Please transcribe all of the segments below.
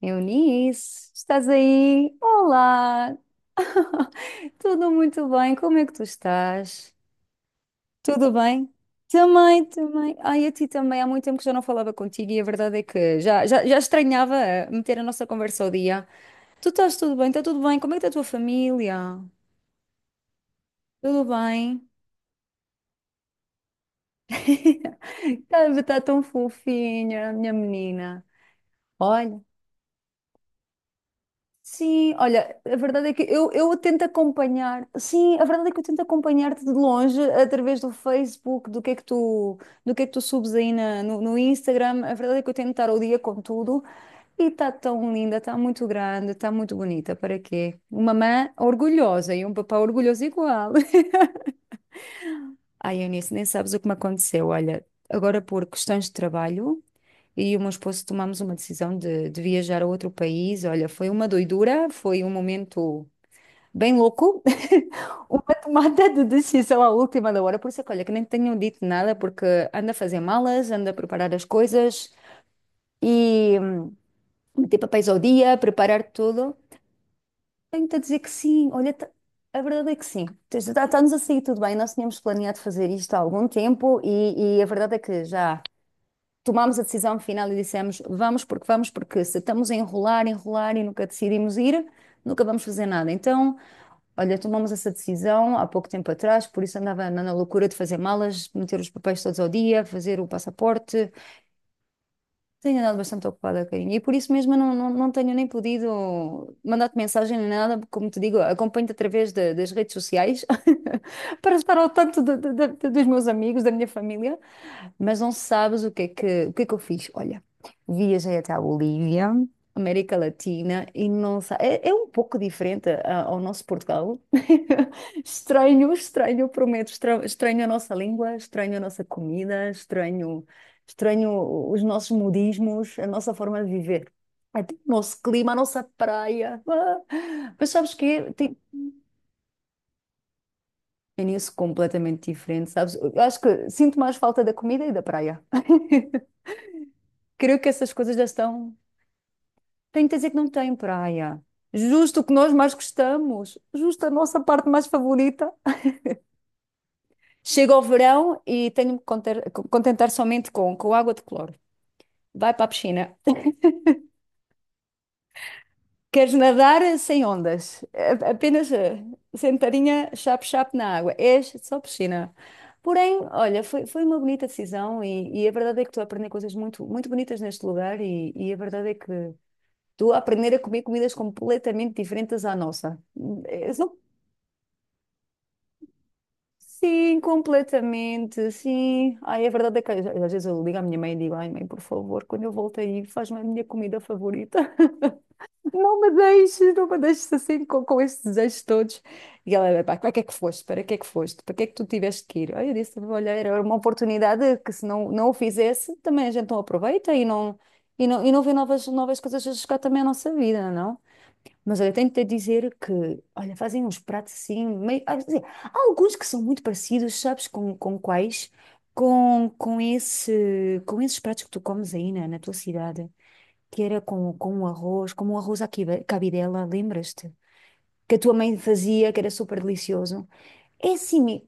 Eunice, estás aí? Olá! Tudo muito bem? Como é que tu estás? Tudo bem? Também, também. Ai, a ti também. Há muito tempo que já não falava contigo e a verdade é que já estranhava meter a nossa conversa ao dia. Tu estás tudo bem? Está tudo bem? Como é que está a tua família? Tudo bem? Está tão fofinha, minha menina. Olha. Sim, olha, a verdade é que eu tento acompanhar, sim, a verdade é que eu tento acompanhar-te de longe através do Facebook, do que é que tu, do que é que tu subes aí na- no, no Instagram. A verdade é que eu tento estar ao dia com tudo e está tão linda, está muito grande, está muito bonita. Para quê? Uma mãe orgulhosa e um papá orgulhoso igual. Ai, Eunice, nem sabes o que me aconteceu. Olha, agora por questões de trabalho. E o meu esposo tomamos uma decisão de viajar a outro país. Olha, foi uma doidura, foi um momento bem louco, uma tomada de decisão à última da hora. Por isso é que, olha, que nem tenham dito nada, porque anda a fazer malas, anda a preparar as coisas e meter papéis ao dia, preparar tudo. Tenho-te a dizer que sim, olha, a verdade é que sim. Está-nos a sair tudo bem, nós tínhamos planeado fazer isto há algum tempo e a verdade é que já tomámos a decisão final e dissemos vamos, porque se estamos a enrolar e nunca decidimos ir, nunca vamos fazer nada. Então. Olha, tomamos essa decisão há pouco tempo atrás, por isso andava na loucura de fazer malas, meter os papéis todos ao dia, fazer o passaporte. Tenho andado bastante ocupada, carinha, e por isso mesmo eu não tenho nem podido mandar-te mensagem nem nada, porque, como te digo, acompanho-te através das redes sociais para estar ao tanto dos meus amigos, da minha família. Mas não sabes o que é que eu fiz? Olha, viajei até a Bolívia, América Latina, e não sa- é, é um pouco diferente ao nosso Portugal. Estranho, prometo, estranho a nossa língua, estranho a nossa comida, estranho, estranho os nossos modismos, a nossa forma de viver. Até o nosso clima, a nossa praia. Ah, mas sabes que tem, é nisso completamente diferente, sabes? Eu acho que sinto mais falta da comida e da praia. Creio que essas coisas já estão. Tenho que dizer que não tem praia. Justo o que nós mais gostamos, justo a nossa parte mais favorita. Chega ao verão e contentar somente com água de cloro. Vai para a piscina. Queres nadar sem ondas? Apenas sentadinha, chape-chape na água. É só piscina. Porém, olha, foi, foi uma bonita decisão e a verdade é que estou a aprender coisas muito, muito bonitas neste lugar e a verdade é que tu a aprender a comer comidas completamente diferentes à nossa. São, sim, completamente, sim. Ai, a verdade é que às vezes eu ligo à minha mãe e digo, ai mãe, por favor, quando eu volto aí, faz-me a minha comida favorita. Não me deixes assim com estes desejos todos. E ela, pá, para que é que foste? Para que é que foste? Para que é que tu tiveste que ir? Ai, eu disse, olha, era uma oportunidade que se não, não o fizesse, também a gente não aproveita e não, e não, e não vê novas, novas coisas a chegar também à nossa vida, não? Mas olha, tenho-te a dizer que, olha, fazem uns pratos assim, meio, ah, quer dizer, há alguns que são muito parecidos, sabes, com quais? Com esses pratos que tu comes aí na tua cidade, que era com um arroz, como um arroz cabidela, lembras-te? Que a tua mãe fazia, que era super delicioso. É assim,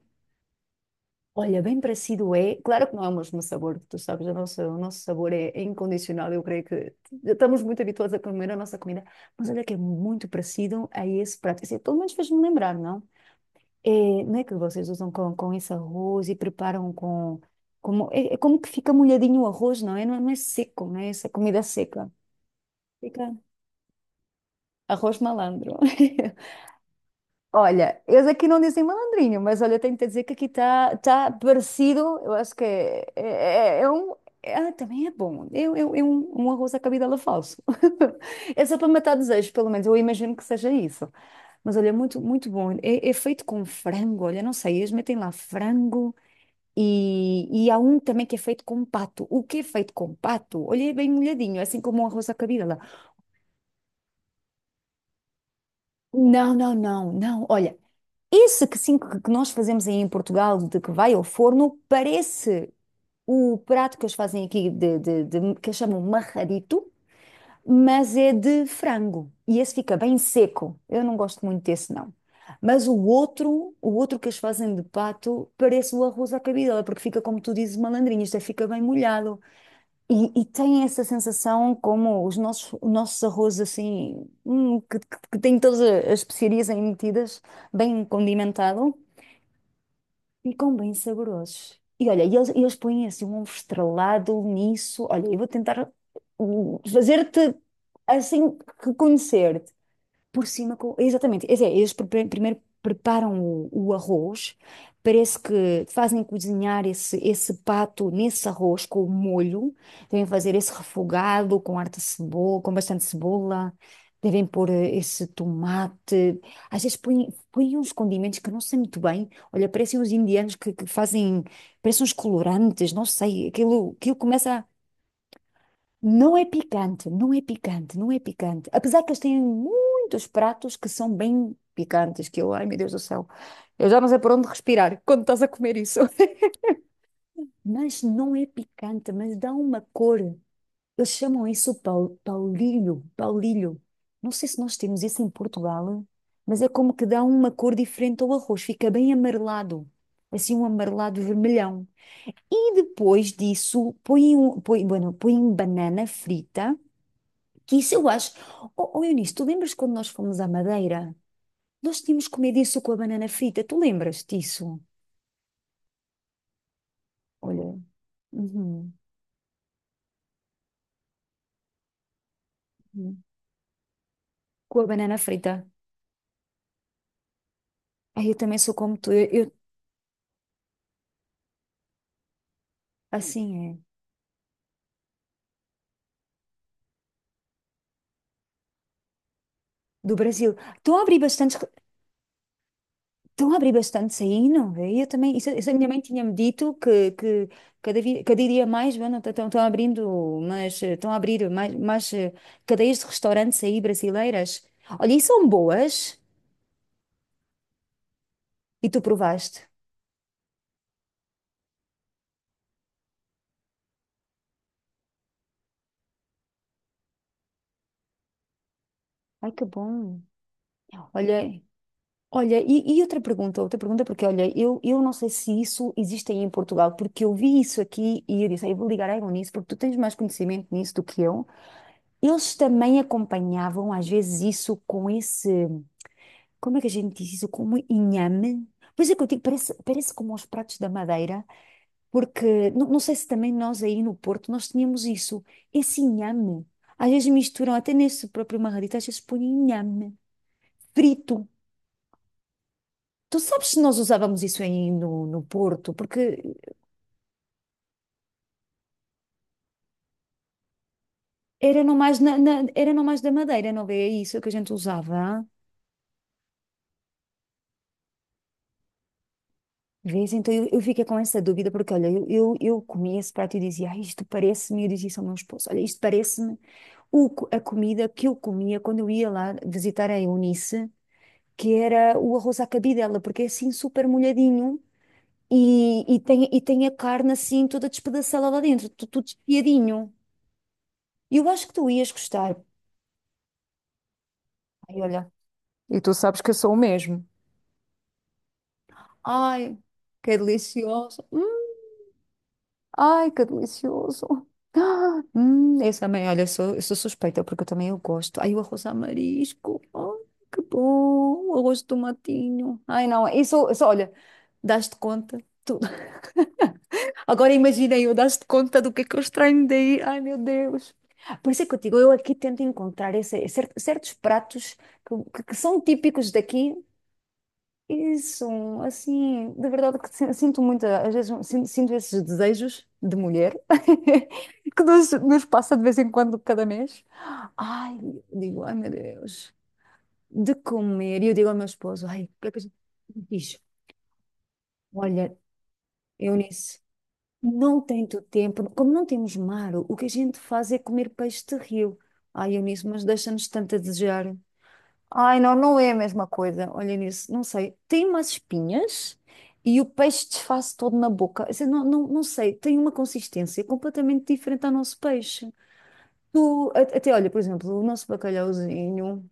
olha, bem parecido é. Claro que não é o mesmo sabor, tu sabes, o nosso sabor é, é incondicional. Eu creio que estamos muito habituados a comer a nossa comida, mas olha que é muito parecido a esse prato. Assim, pelo menos fez-me lembrar, não? É, não é que vocês usam com esse arroz e preparam com. Como, é, é como que fica molhadinho o arroz, não é? Não é, não é seco, não é? Essa comida seca. Fica arroz malandro. Olha, eles aqui não dizem malandrinho, mas olha, tenho que te dizer que aqui está tá parecido. Eu acho que é, é um. Também é bom. É, é um, um arroz à cabidela falso. É só para matar desejos, pelo menos. Eu imagino que seja isso. Mas olha, é muito, muito bom. É, é feito com frango, olha, não sei, eles metem lá frango e há um também que é feito com pato. O que é feito com pato? Olha, é bem molhadinho, é assim como um arroz à cabidela. Não, não, não, não. Olha. Esse que sim que nós fazemos aí em Portugal, de que vai ao forno, parece o prato que eles fazem aqui, que eles chamam marradito, mas é de frango. E esse fica bem seco. Eu não gosto muito desse, não. Mas o outro que eles fazem de pato, parece o arroz à cabidela, porque fica, como tu dizes, malandrinho, isto é, fica bem molhado. E tem essa sensação como os nossos arroz assim, que têm todas as especiarias aí metidas, bem condimentado. Ficam bem saborosos. E olha, e eles põem assim um ovo estrelado nisso. Olha, eu vou tentar fazer-te assim reconhecer por cima com. Exatamente, é, primeiro preparam o arroz, parece que fazem cozinhar esse, esse pato nesse arroz com o molho, devem fazer esse refogado com harta cebola, com bastante cebola, devem pôr esse tomate, às vezes põem, põem uns condimentos que eu não sei muito bem, olha, parecem uns indianos que fazem, parecem uns colorantes, não sei, aquilo, aquilo começa não é picante, não é picante, não é picante. Apesar que eles têm muitos pratos que são bem picantes, que eu, ai meu Deus do céu, eu já não sei por onde respirar quando estás a comer isso. Mas não é picante, mas dá uma cor. Eles chamam isso paulilho, paulilho. Não sei se nós temos isso em Portugal, mas é como que dá uma cor diferente ao arroz, fica bem amarelado, assim um amarelado vermelhão. E depois disso, põem, põem, bueno, põem banana frita que isso eu acho. Oh, oh Eunice, tu lembras quando nós fomos à Madeira? Nós tínhamos comido isso com a banana frita. Tu lembras disso? Olha. Uhum, uhum. Com a banana frita. Ai, eu também sou como tu. Assim é. Do Brasil. Estão a abrir bastante. Estão a abrir bastante aí, não é? Eu também. Isso a minha mãe tinha-me dito que cada dia mais bueno, estão, estão abrindo, mas estão a abrir mais, mais cadeias de restaurantes aí brasileiras. Olha, e são boas. E tu provaste? Ai, que bom. Olha, olha, e outra pergunta, porque olha, eu não sei se isso existe aí em Portugal, porque eu vi isso aqui e eu disse, "Ah, eu vou ligar à Egon nisso, porque tu tens mais conhecimento nisso do que eu. Eles também acompanhavam às vezes isso com esse, como é que a gente diz isso? Como inhame? Pois é que eu digo, parece, parece como os pratos da Madeira, porque não, não sei se também nós aí no Porto nós tínhamos isso, esse inhame. Às vezes misturam, até nesse próprio marradito, às vezes põem inhame frito. Tu sabes se nós usávamos isso aí no Porto? Porque era não mais, era não mais da Madeira, não é isso que a gente usava? Vês? Então eu fiquei com essa dúvida, porque olha, eu comia esse prato e dizia, ah, isto parece-me, e eu dizia isso ao meu esposo, olha, isto parece-me a comida que eu comia quando eu ia lá visitar a Eunice, que era o arroz à cabidela, porque é assim super molhadinho e tem a carne assim toda despedaçada lá dentro, tudo tudo espiadinho. Eu acho que tu ias gostar. Ai, olha, e tu sabes que eu sou o mesmo. Ai, que delicioso. Ai, que delicioso. Ah, eu também, olha, sou, eu sou suspeita porque eu também eu gosto. Ai, o arroz a marisco. Ai, que bom. O arroz de tomatinho. Ai, não, isso olha, dás-te conta. De tudo. Agora imaginei eu, dás-te conta do que é que eu estranho daí. Ai, meu Deus. Por isso é que eu digo, eu aqui tento encontrar certos pratos que são típicos daqui, isso, assim, de verdade que sinto muito, às vezes sinto esses desejos de mulher que nos passa de vez em quando, cada mês. Ai, eu digo, ai meu Deus, de comer. E eu digo ao meu esposo, ai, o que é que a gente diz? Olha, Eunice, não tanto tempo, como não temos mar, o que a gente faz é comer peixe de rio. Ai, Eunice, mas deixa-nos tanto a desejar. Ai, não, não é a mesma coisa. Olha nisso, não sei. Tem umas espinhas e o peixe desfaz todo na boca. Quer dizer, não, não, não sei, tem uma consistência completamente diferente ao nosso peixe. Tu, até olha, por exemplo, o nosso bacalhauzinho.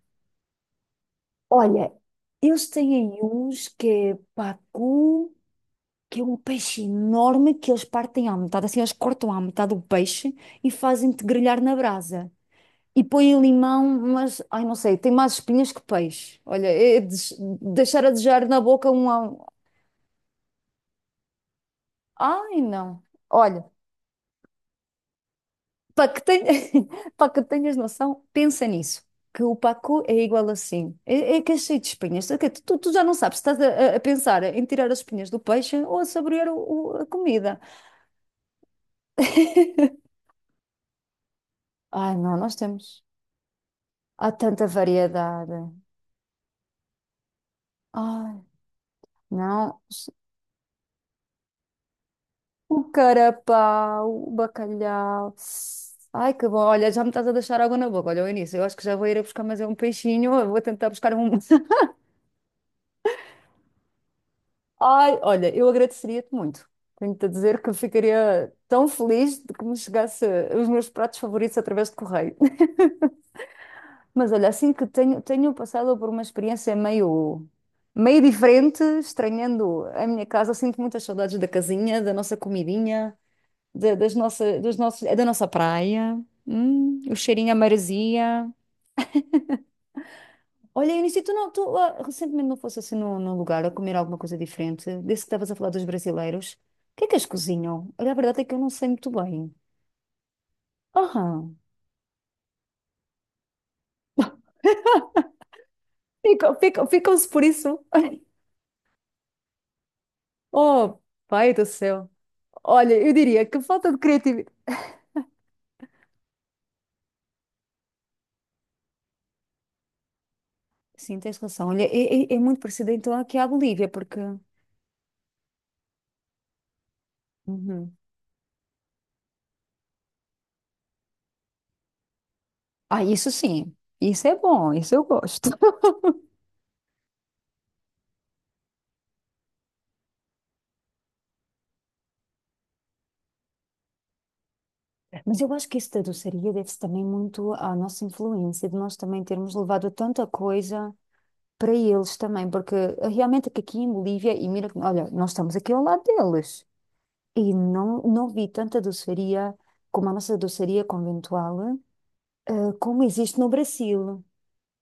Olha, eles têm aí uns que é pacu, que é um peixe enorme que eles partem à metade, assim, eles cortam à metade o peixe e fazem-te grelhar na brasa. E põe limão, mas, ai, não sei, tem mais espinhas que peixe. Olha, é deixar a desejar na boca um. Ai, não. Olha, para que, ten... para que tenhas noção, pensa nisso. Que o pacu é igual assim. É que é cheio de espinhas. Ok, Tu já não sabes, estás a pensar em tirar as espinhas do peixe ou a saborear a comida. Ai, não, nós temos. Há tanta variedade. Ai, não. O carapau, o bacalhau. Ai, que bom. Olha, já me estás a deixar água na boca. Olha, o início, eu acho que já vou ir a buscar mais é um peixinho. Eu vou tentar buscar um. Ai, olha, eu agradeceria-te muito. Tenho-te a dizer que eu ficaria tão feliz de que me chegasse os meus pratos favoritos através de correio. Mas olha, assim que tenho passado por uma experiência meio diferente, estranhando a minha casa, sinto muitas saudades da casinha, da nossa comidinha. Da- das nossa, dos nossos, é da nossa praia, o cheirinho à maresia. Olha, Eunice, tu, não, tu recentemente não fosse assim num lugar a comer alguma coisa diferente, desse que estavas a falar dos brasileiros. O que é que eles cozinham? Olha, a verdade é que eu não sei muito bem. Aham. Ficam-se por isso. Oh, pai do céu. Olha, eu diria que falta de criatividade. Sim, tens razão. Olha, é muito parecido então aqui à Bolívia, porque. Uhum. Ah, isso sim. Isso é bom, isso eu gosto. Mas eu acho que isso da doçaria deve-se também muito à nossa influência, de nós também termos levado tanta coisa para eles também, porque realmente é que aqui em Bolívia, e mira, olha, nós estamos aqui ao lado deles, e não vi tanta doçaria como a nossa doçaria conventual, como existe no Brasil.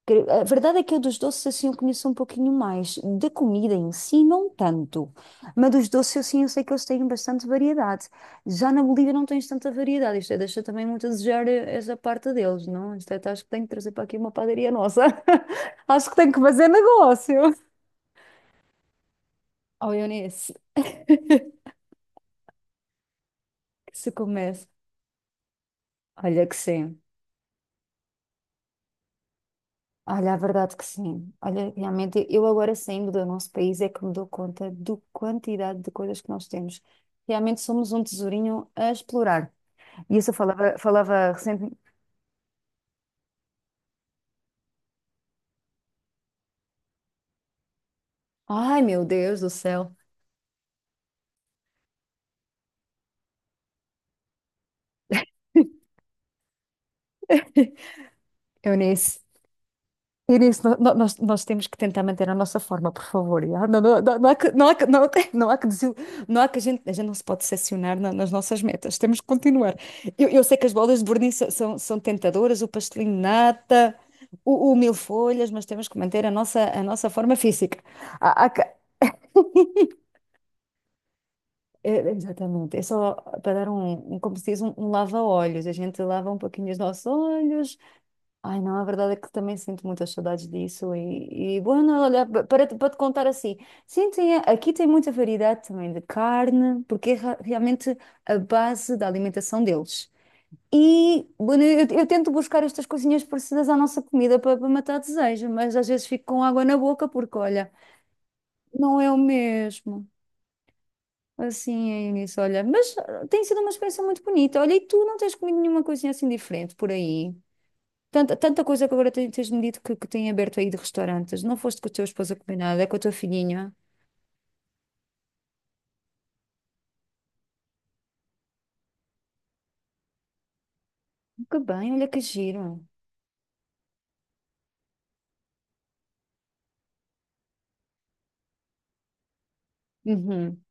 A verdade é que eu dos doces assim eu conheço um pouquinho mais. Da comida em si, não tanto. Mas dos doces assim eu sei que eles têm bastante variedade. Já na Bolívia não tens tanta variedade. Isto é, deixa também muito a desejar essa parte deles, não? Isto é, acho que tenho que trazer para aqui uma padaria nossa. Acho que tenho que fazer negócio. Oh, Eunice, que se comece. Olha que sim. Olha, a verdade que sim. Olha, realmente, eu agora saindo do nosso país é que me dou conta do quantidade de coisas que nós temos. Realmente somos um tesourinho a explorar. E isso eu falava recentemente. Ai, meu Deus do céu. Eunice. Inês, nós temos que tentar manter a nossa forma, por favor, já? Não, não, não, não há que, não há que, não, não há que não há que a gente não se pode decepcionar nas nossas metas. Temos que continuar. Eu sei que as bolas de verniz são tentadoras, o pastelinho de nata, o mil folhas, mas temos que manter a nossa forma física. Há- há que- É, exatamente. É só para dar como se diz, um lava-olhos. A gente lava um pouquinho os nossos olhos, ai, não, a verdade é que também sinto muitas saudades disso e, bueno, olha, para te contar assim, sim, aqui tem muita variedade também de carne, porque é realmente a base da alimentação deles. E, bueno, eu tento buscar estas coisinhas parecidas à nossa comida para matar desejo, mas às vezes fico com água na boca porque, olha, não é o mesmo. Assim é nisso, olha, mas tem sido uma experiência muito bonita. Olha, e tu não tens comido nenhuma coisinha assim diferente por aí? Tanta, tanta coisa que agora tens-me dito que tem aberto aí de restaurantes. Não foste com o teu esposo a comer nada, é com a tua filhinha. Que bem, olha que giro. Uhum.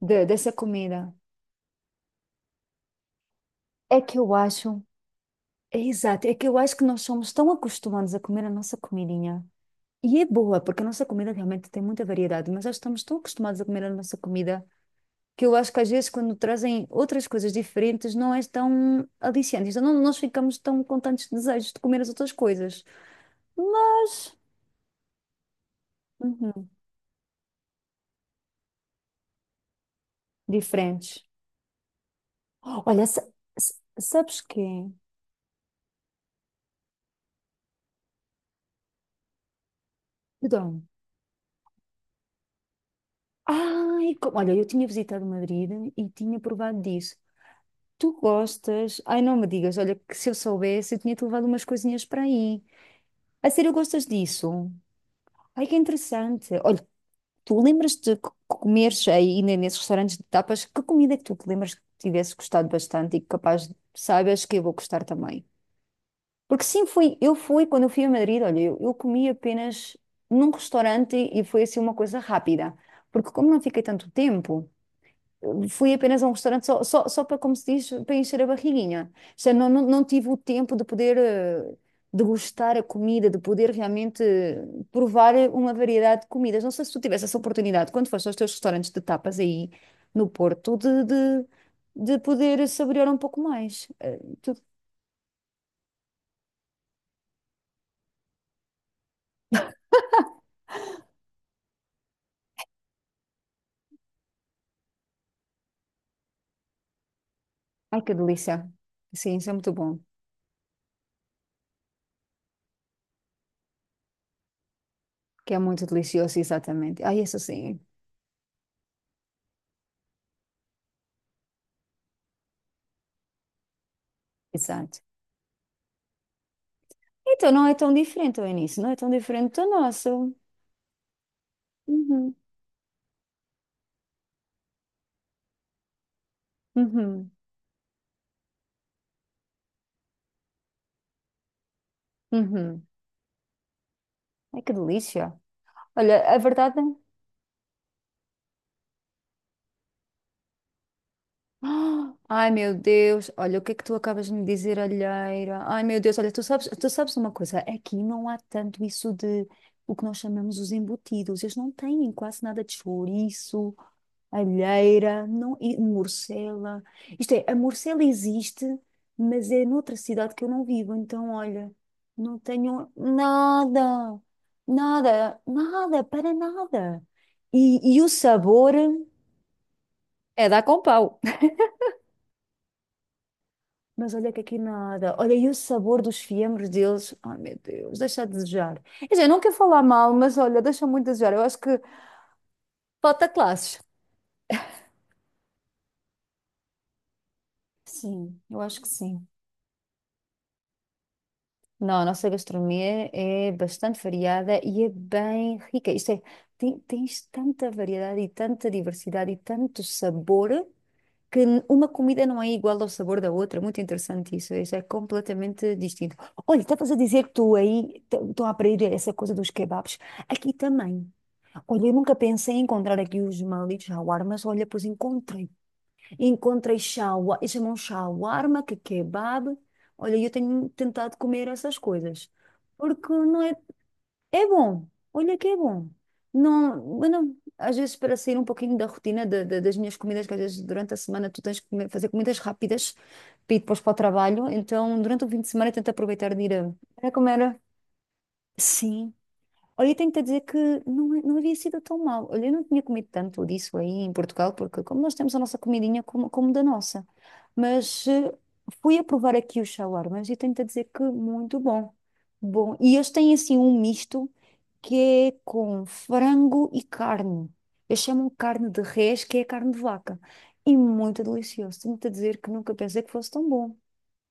Dessa comida. É que eu acho, é exato, é que eu acho que nós somos tão acostumados a comer a nossa comidinha. E é boa, porque a nossa comida realmente tem muita variedade, mas nós estamos tão acostumados a comer a nossa comida que eu acho que às vezes quando trazem outras coisas diferentes não é tão aliciante. Então não, nós ficamos tão com tantos desejos de comer as outras coisas. Mas. Uhum. Diferentes. Olha, sabes quê? Perdão. Ai, olha, eu tinha visitado Madrid e tinha provado disso. Tu gostas? Ai, não me digas, olha, que se eu soubesse, eu tinha-te levado umas coisinhas para aí. A sério, gostas disso? Ai, que interessante. Olha, tu lembras-te que comeres aí nesses restaurantes de tapas? Que comida é que tu te lembras que tivesse gostado bastante e que capaz, saibas que eu vou gostar também? Porque sim, eu fui, quando eu fui a Madrid, olha, eu comi apenas num restaurante e foi assim uma coisa rápida. Porque como não fiquei tanto tempo, fui apenas a um restaurante só para, como se diz, para encher a barriguinha. Já não, não, não tive o tempo de poder degustar a comida, de poder realmente provar uma variedade de comidas. Não sei se tu tivesse essa oportunidade, quando foste aos teus restaurantes de tapas aí no Porto, de poder saborear um pouco mais. Ai, que delícia. Sim, isso é muito bom. Que é muito delicioso, exatamente. Ai, isso sim. Exato. Então não é tão diferente, o início, não é tão diferente do nosso. Uhum, uhum, uhum. Ai, que delícia. Olha, a verdade. é. Ah, ai, meu Deus. Olha, o que é que tu acabas de me dizer, alheira? Ai, meu Deus. Olha, tu sabes uma coisa? Aqui não há tanto isso de o que nós chamamos os embutidos. Eles não têm quase nada de chouriço, alheira, não, e morcela. Isto é, a morcela existe, mas é noutra cidade que eu não vivo. Então, olha, não tenho nada, nada, nada, para nada. E o sabor, é dar com pau. Mas olha que aqui nada. Olha, e o sabor dos fiambres deles, ai meu Deus, deixa a desejar. Quer dizer, não quero falar mal, mas olha, deixa muito a desejar. Eu acho que falta classes. Sim, eu acho que sim. Não, a nossa gastronomia é bastante variada e é bem rica. Isto é, tens tanta variedade e tanta diversidade e tanto sabor que uma comida não é igual ao sabor da outra. Muito interessante isso. Isso é completamente distinto. Olha, estavas a dizer que tu aí estão a abrir essa coisa dos kebabs. Aqui também. Olha, eu nunca pensei em encontrar aqui os malitos shawarmas. Olha, pois encontrei. Encontrei shawarma, eles chamam shawarma, que é kebab. Olha, eu tenho tentado comer essas coisas, porque não é, é bom, olha que é bom. Não, eu não- às vezes para sair um pouquinho da rotina das minhas comidas, que às vezes durante a semana tu tens que fazer comidas rápidas para ir depois para o trabalho, então durante o fim de semana eu tento aproveitar de ir a. Era como era? Sim. Olha, eu tenho-te a dizer que não, não havia sido tão mal. Olha, eu não tinha comido tanto disso aí em Portugal, porque como nós temos a nossa comidinha como, da nossa. Mas fui a provar aqui os shawarmas e tenho-te a dizer que muito bom. Bom, e eles têm assim um misto que é com frango e carne. Eles chamam carne de res, que é carne de vaca. E muito delicioso. Tenho-te a dizer que nunca pensei que fosse tão bom.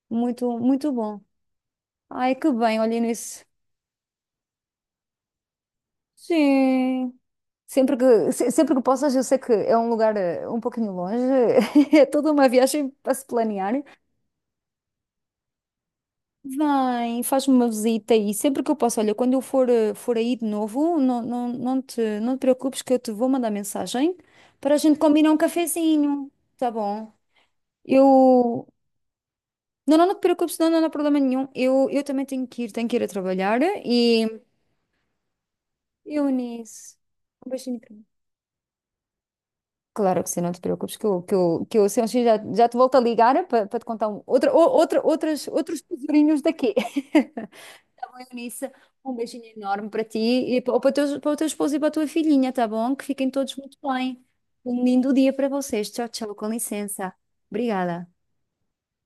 Muito, muito bom. Ai, que bem, olhem isso. Sim. Sempre que, se- sempre que possas, eu sei que é um lugar um pouquinho longe, é toda uma viagem para se planear. Vem, faz-me uma visita e sempre que eu posso, olha, quando eu for aí de novo, não, não, não te preocupes que eu te vou mandar mensagem para a gente combinar um cafezinho, tá bom? Eu. Não, não, não te preocupes, não, não, não há problema nenhum. Eu também tenho que ir a trabalhar e eu nisso. Um beijinho. Claro que sim, não te preocupes, que eu se eu assim, já te volto a ligar para te contar um, outra, ou- outra, outras, outros tesourinhos daqui. Eunice, um beijinho enorme para ti e para o teu esposo e para a tua filhinha, tá bom? Que fiquem todos muito bem. Um lindo dia para vocês. Tchau, tchau, com licença. Obrigada.